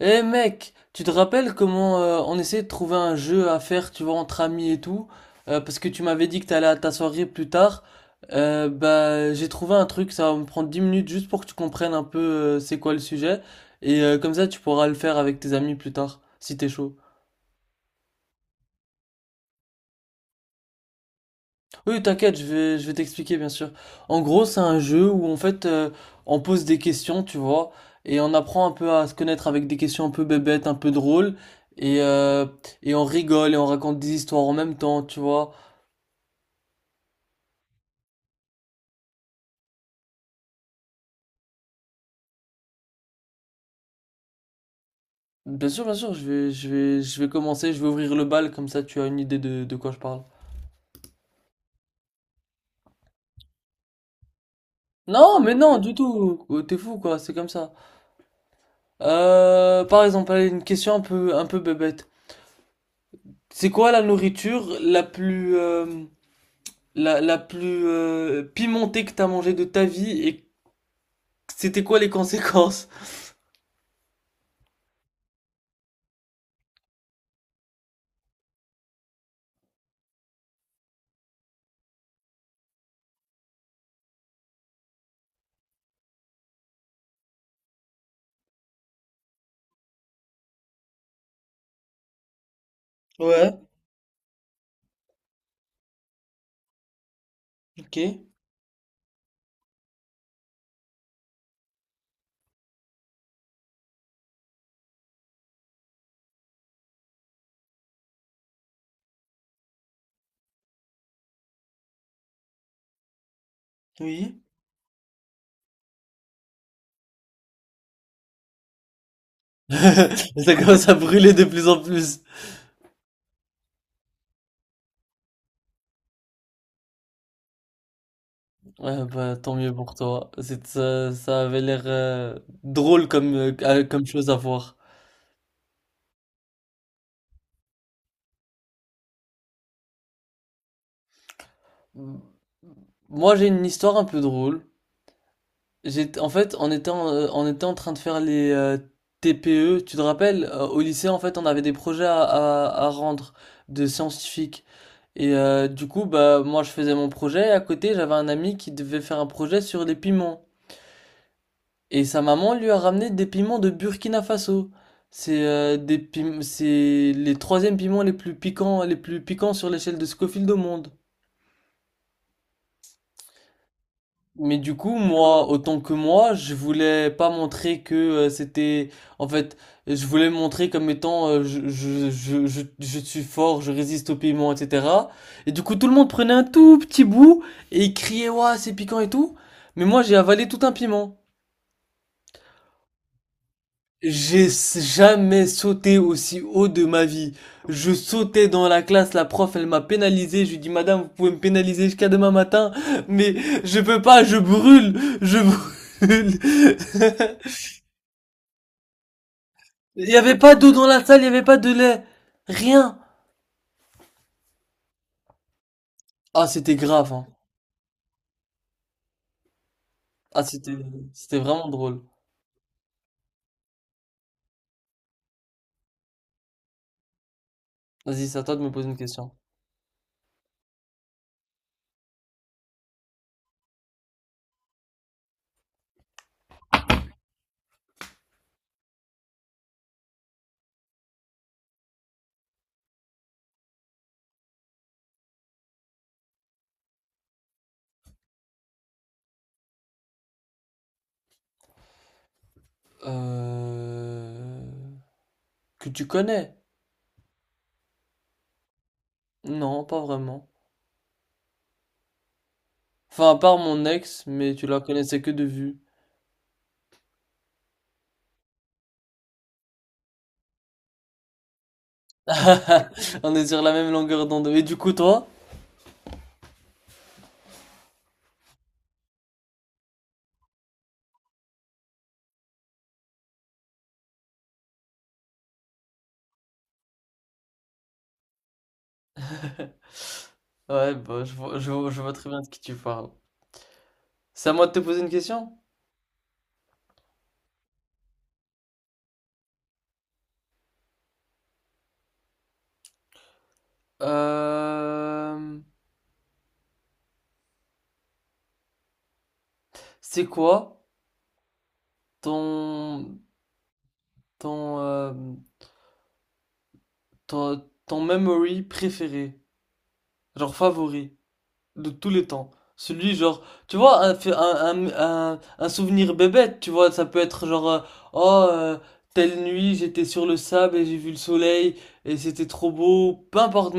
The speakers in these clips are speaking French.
Eh mec, tu te rappelles comment on essayait de trouver un jeu à faire, tu vois, entre amis et tout, parce que tu m'avais dit que t'allais à ta soirée plus tard. Bah, j'ai trouvé un truc, ça va me prendre 10 minutes juste pour que tu comprennes un peu c'est quoi le sujet, et comme ça tu pourras le faire avec tes amis plus tard, si t'es chaud. Oui, t'inquiète, je vais t'expliquer, bien sûr. En gros, c'est un jeu où, en fait, on pose des questions, tu vois, et on apprend un peu à se connaître avec des questions un peu bébêtes, un peu drôles, et, euh, et on rigole et on raconte des histoires en même temps, tu vois. Bien sûr, je vais commencer, je vais ouvrir le bal, comme ça tu as une idée de quoi je parle. Non, mais non, du tout. Oh, t'es fou, quoi, c'est comme ça. Par exemple, allez, une question un peu bébête. C'est quoi la nourriture la plus, la plus pimentée que t'as mangée de ta vie et c'était quoi les conséquences? Ouais, ok, oui. Ça commence à brûler de plus en plus. Ouais, bah tant mieux pour toi. C'est, ça avait l'air drôle comme, comme chose à voir. Moi, j'ai une histoire un peu drôle. J'étais, en fait, on était en, On était en train de faire les TPE. Tu te rappelles, au lycée, en fait, on avait des projets à rendre de scientifiques. Et du coup, bah, moi, je faisais mon projet. Et à côté, j'avais un ami qui devait faire un projet sur les piments. Et sa maman lui a ramené des piments de Burkina Faso. C'est c'est les troisièmes piments les plus piquants sur l'échelle de Scofield au monde. Mais du coup, moi, autant que moi, je voulais pas montrer que c'était... En fait, je voulais me montrer comme étant je suis fort, je résiste au piment, etc. Et du coup, tout le monde prenait un tout petit bout et il criait, ouah, c'est piquant et tout. Mais moi, j'ai avalé tout un piment. Jamais sauté aussi haut de ma vie. Je sautais dans la classe, la prof, elle m'a pénalisé. Je lui ai dit, Madame, vous pouvez me pénaliser jusqu'à demain matin, mais je peux pas, je brûle, je brûle. Il y avait pas d'eau dans la salle, il y avait pas de lait, rien. Ah, c'était grave, hein. Ah, c'était, C'était vraiment drôle. Vas-y, c'est à toi de me poser une question. Euh... Que tu connais? Non, pas vraiment. Enfin, à part mon ex, mais tu la connaissais que de vue. On est sur la même longueur d'onde. Et du coup, toi? Ouais, bah, je vois très bien de qui tu parles. C'est à moi de te poser une question? Euh, c'est quoi ton, ton, euh, ton memory préféré? Genre favori de tous les temps? Celui genre, tu vois, un, fait- un souvenir bébête, tu vois, ça peut être genre, oh, euh, telle nuit, j'étais sur le sable et j'ai vu le soleil et c'était trop beau. Peu importe.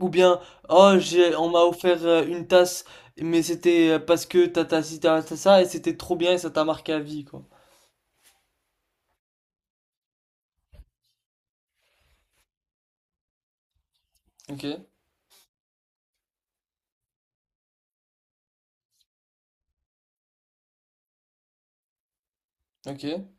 Ou bien, oh, on m'a offert une tasse, mais c'était parce que t'as ci, t'as ça, et c'était trop bien, et ça t'a marqué à vie, quoi. Ok, ok.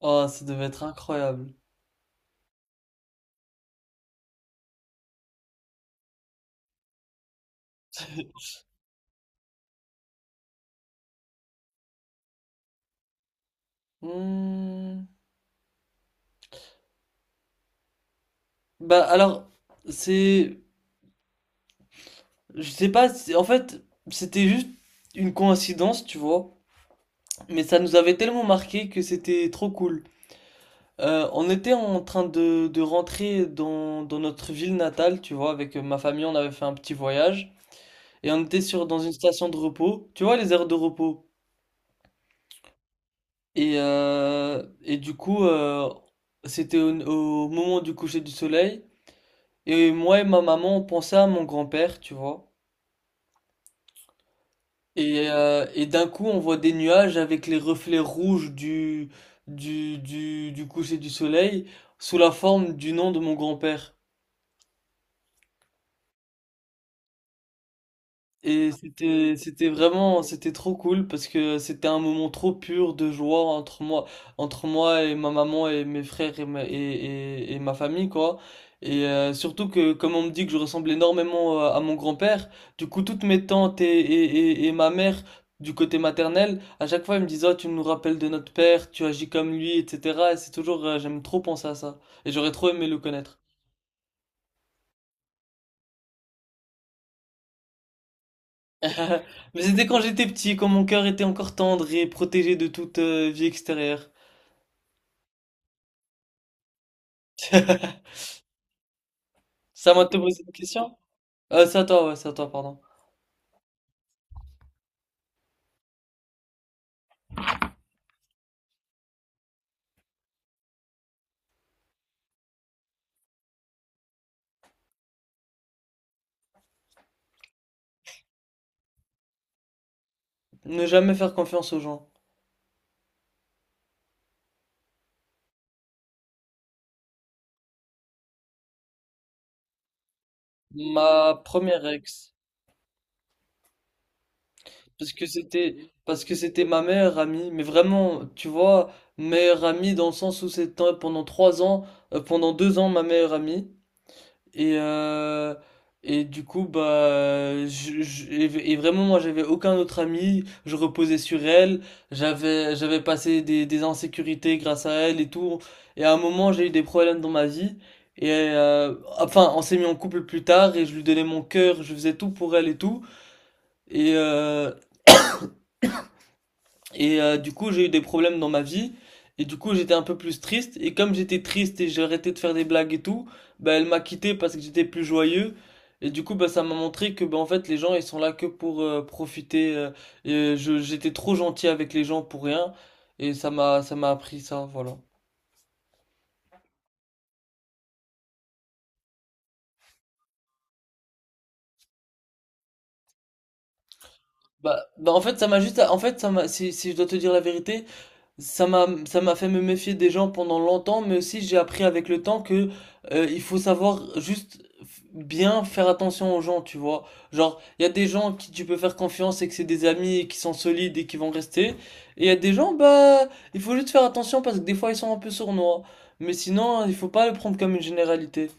Oh, ça devait être incroyable. Hmm. Bah, alors, c'est... Je sais pas, en fait, c'était juste une coïncidence, tu vois. Mais ça nous avait tellement marqué que c'était trop cool. On était en train de rentrer dans notre ville natale, tu vois, avec ma famille, on avait fait un petit voyage. Et on était sur, dans une station de repos, tu vois, les aires de repos. Et du coup, c'était au moment du coucher du soleil. Et moi et ma maman, on pensait à mon grand-père, tu vois. Et d'un coup, on voit des nuages avec les reflets rouges du coucher du soleil sous la forme du nom de mon grand-père. Et c'était vraiment c'était trop cool parce que c'était un moment trop pur de joie entre moi et ma maman et mes frères et ma famille quoi. Et surtout que comme on me dit que je ressemble énormément à mon grand-père, du coup toutes mes tantes et ma mère du côté maternel, à chaque fois ils me disent «Oh, tu nous rappelles de notre père, tu agis comme lui, etc.» Et c'est toujours j'aime trop penser à ça et j'aurais trop aimé le connaître. Mais c'était quand j'étais petit, quand mon cœur était encore tendre et protégé de toute vie extérieure. Ça m'a te poser une question? C'est à toi, ouais, c'est à toi, pardon. Ne jamais faire confiance aux gens. Ma première ex, parce que c'était, parce que c'était ma meilleure amie, mais vraiment, tu vois, meilleure amie dans le sens où c'était pendant 3 ans, pendant 2 ans ma meilleure amie. Et, euh, et du coup, bah, et vraiment, moi, j'avais aucun autre ami. Je reposais sur elle. J'avais passé des insécurités grâce à elle et tout. Et à un moment, j'ai eu des problèmes dans ma vie. Et enfin, on s'est mis en couple plus tard et je lui donnais mon cœur. Je faisais tout pour elle et tout. Et, euh, du coup, j'ai eu des problèmes dans ma vie. Et du coup, j'étais un peu plus triste. Et comme j'étais triste et j'ai arrêté de faire des blagues et tout, bah, elle m'a quitté parce que j'étais plus joyeux. Et du coup, bah, ça m'a montré que, bah, en fait, les gens, ils sont là que pour profiter. Et j'étais trop gentil avec les gens pour rien. Et ça m'a appris ça, voilà. Bah, bah, en fait, ça m'a juste, en fait, ça m'a, Si, si je dois te dire la vérité, ça m'a fait me méfier des gens pendant longtemps, mais aussi j'ai appris avec le temps que il faut savoir juste bien faire attention aux gens, tu vois. Genre, il y a des gens qui tu peux faire confiance et que c'est des amis et qui sont solides et qui vont rester. Et il y a des gens, bah, il faut juste faire attention parce que des fois ils sont un peu sournois. Mais sinon, il faut pas le prendre comme une généralité.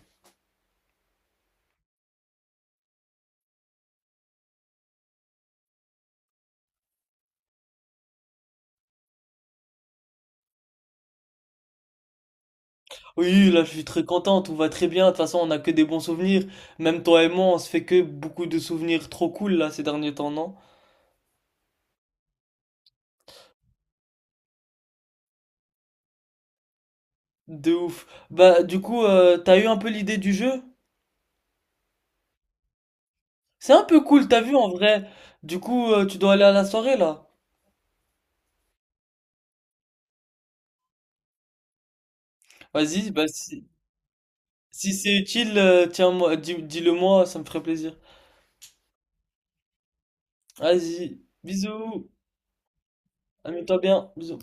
Oui, là, je suis très content, tout va très bien. De toute façon, on a que des bons souvenirs. Même toi et moi, on se fait que beaucoup de souvenirs trop cool là ces derniers temps, non? De ouf. Bah, du coup, t'as eu un peu l'idée du jeu? C'est un peu cool, t'as vu en vrai. Du coup, tu dois aller à la soirée là. Vas-y, bah si, si c'est utile, dis, le moi ça me ferait plaisir. Vas-y, bisous, amuse-toi bien, bisous.